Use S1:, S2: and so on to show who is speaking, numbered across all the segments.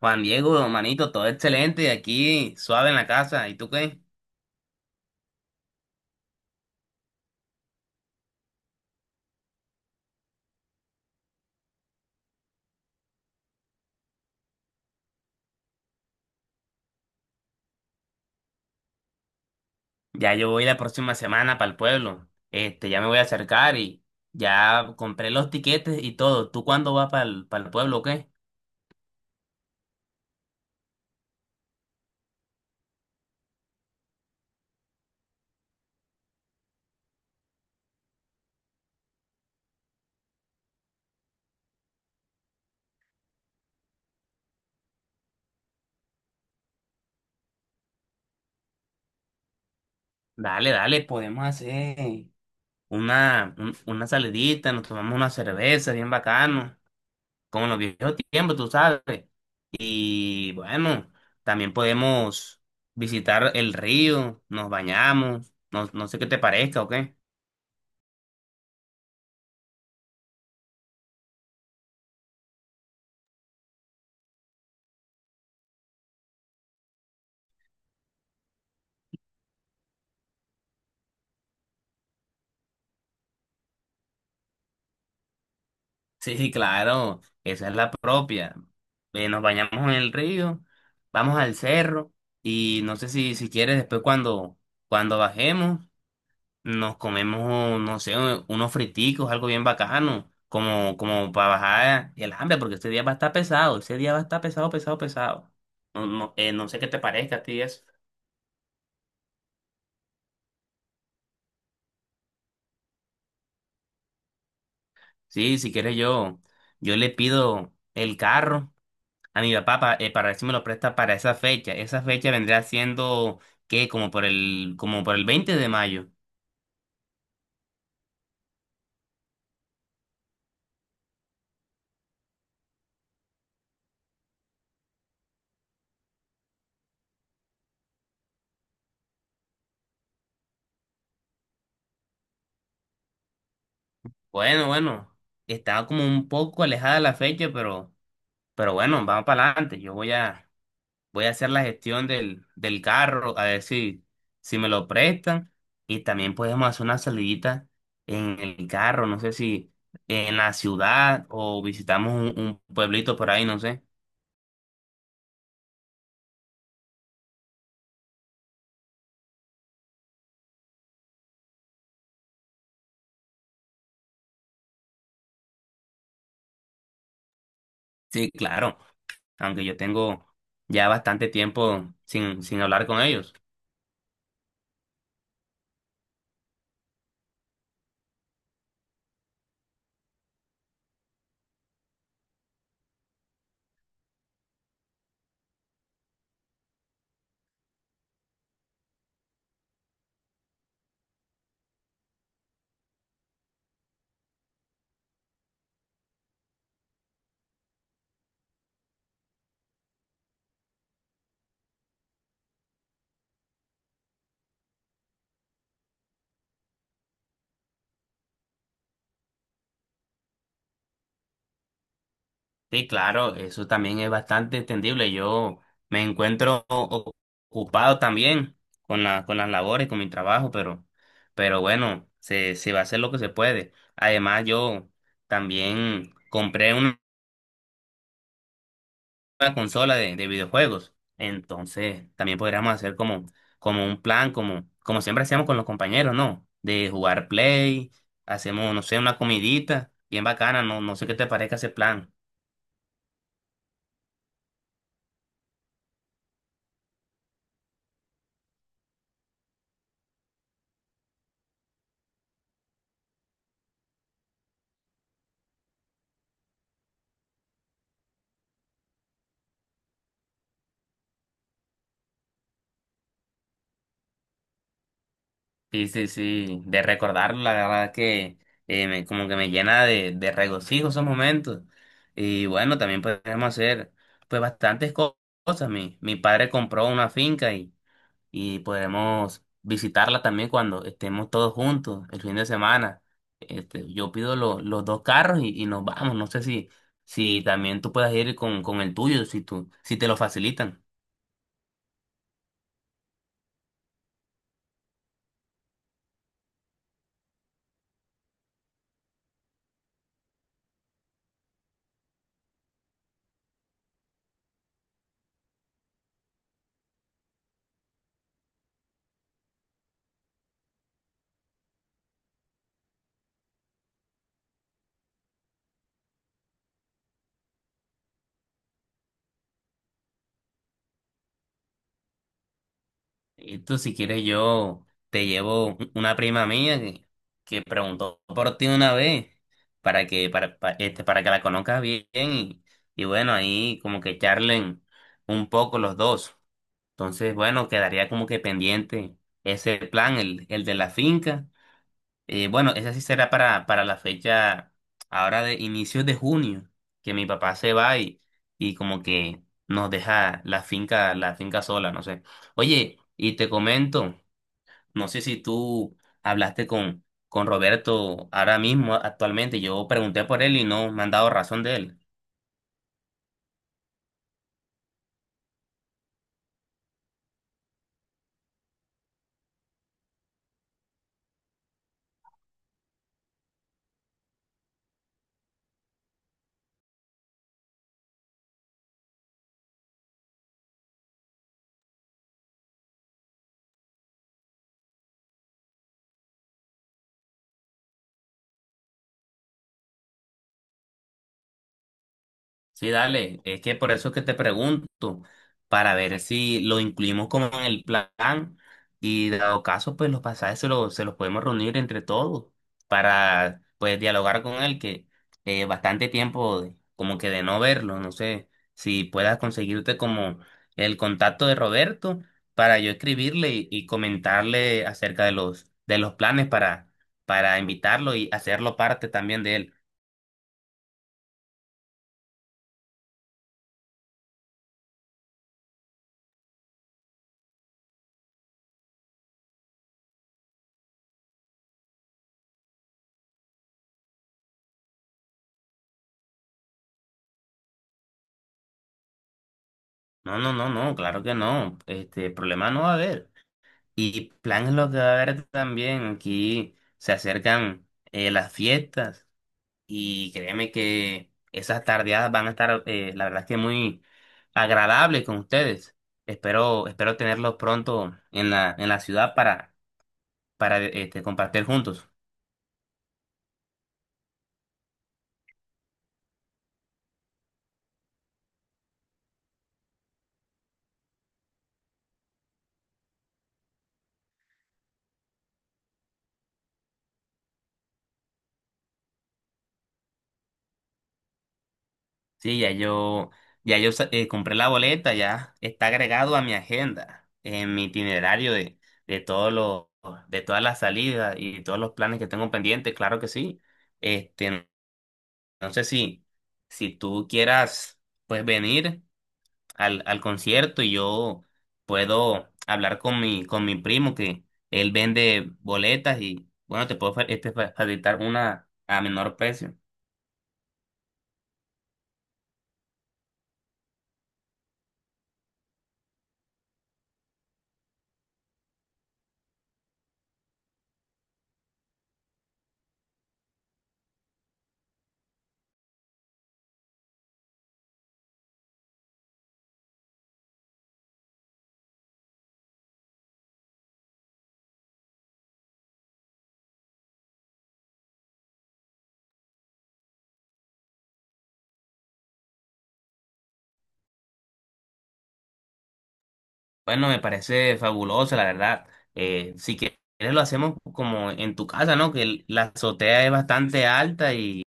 S1: Juan Diego, manito, todo excelente y aquí suave en la casa. ¿Y tú qué? Ya yo voy la próxima semana para el pueblo. Ya me voy a acercar y ya compré los tiquetes y todo. ¿Tú cuándo vas para el, pueblo o qué? Dale, dale, podemos hacer una salidita, nos tomamos una cerveza bien bacano, como en los viejos tiempos, tú sabes. Y bueno, también podemos visitar el río, nos bañamos, no, no sé qué te parezca o qué. Sí, sí, claro, esa es la propia. Nos bañamos en el río, vamos al cerro y no sé si quieres después cuando bajemos nos comemos, no sé, unos friticos, algo bien bacano, como, como para bajar el hambre, porque este día va a estar pesado, ese día va a estar pesado, pesado, pesado. No, no, no sé qué te parezca a ti eso. Sí, si quieres yo le pido el carro a mi papá, para ver si me lo presta para esa fecha. Esa fecha vendría siendo, ¿qué? Como por el 20 de mayo. Bueno, bueno, estaba como un poco alejada la fecha, pero bueno, vamos para adelante. Voy a hacer la gestión del carro, a ver si me lo prestan. Y también podemos hacer una salidita en el carro, no sé si en la ciudad o visitamos un pueblito por ahí, no sé. Sí, claro. Aunque yo tengo ya bastante tiempo sin hablar con ellos. Sí, claro, eso también es bastante entendible. Yo me encuentro o- Ocupado también con las labores, con mi trabajo, pero bueno, se va a hacer lo que se puede. Además, yo también compré una consola de videojuegos. Entonces, también podríamos hacer como, como un plan, como, como siempre hacíamos con los compañeros, ¿no? De jugar play, hacemos, no sé, una comidita bien bacana, no, no sé qué te parezca ese plan. Sí, sí, sí, de recordar, la verdad que como que me llena de regocijo esos momentos. Y bueno, también podemos hacer pues cosas. Mi padre compró una finca y podremos visitarla también cuando estemos todos juntos el fin de semana. Yo pido los dos carros y nos vamos. No sé si, si también tú puedas ir con el tuyo, si tú, si te lo facilitan. Y tú, si quieres, yo te llevo una prima mía que preguntó por ti una vez para que, para que la conozcas bien y bueno, ahí como que charlen un poco los dos. Entonces, bueno, quedaría como que pendiente ese plan, el de la finca. Bueno, ese sí será para la fecha ahora de inicios de junio, que mi papá se va y como que nos deja la finca sola, no sé. Oye, y te comento, no sé si tú hablaste con Roberto ahora mismo, actualmente. Yo pregunté por él y no me han dado razón de él. Sí, dale, es que por eso es que te pregunto, para ver si lo incluimos como en el plan y dado caso, pues los pasajes se se los podemos reunir entre todos para pues dialogar con él, que bastante tiempo como que de no verlo, no sé si puedas conseguirte como el contacto de Roberto para yo escribirle y comentarle acerca de de los planes para invitarlo y hacerlo parte también de él. No, no, no, no, claro que no. Este problema no va a haber. Y plan es lo que va a haber también. Aquí se acercan las fiestas y créeme que esas tardeadas van a estar, la verdad es que muy agradables con ustedes. Espero, espero tenerlos pronto en la ciudad para, compartir juntos. Sí, ya yo compré la boleta, ya está agregado a mi agenda, en mi itinerario de todos los, de todas las salidas y todos los planes que tengo pendientes, claro que sí. Este, no sé si, si tú quieras, pues venir al, al concierto y yo puedo hablar con mi primo que él vende boletas y bueno, te puedo facilitar una a menor precio. Bueno, me parece fabuloso, la verdad. Si quieres lo hacemos como en tu casa, ¿no? Que la azotea es bastante alta y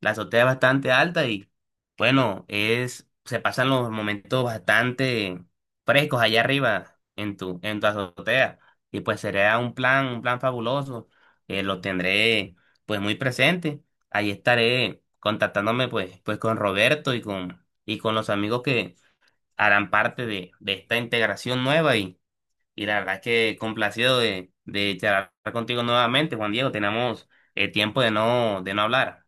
S1: la azotea es bastante alta y bueno, es se pasan los momentos bastante frescos allá arriba en tu azotea y pues sería un plan fabuloso. Lo tendré pues muy presente. Ahí estaré contactándome pues con Roberto y con los amigos que harán parte de esta integración nueva y la verdad es que complacido de charlar contigo nuevamente, Juan Diego. Tenemos tiempo de no hablar.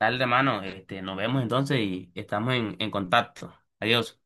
S1: Dale, hermano, nos vemos entonces y estamos en contacto. Adiós.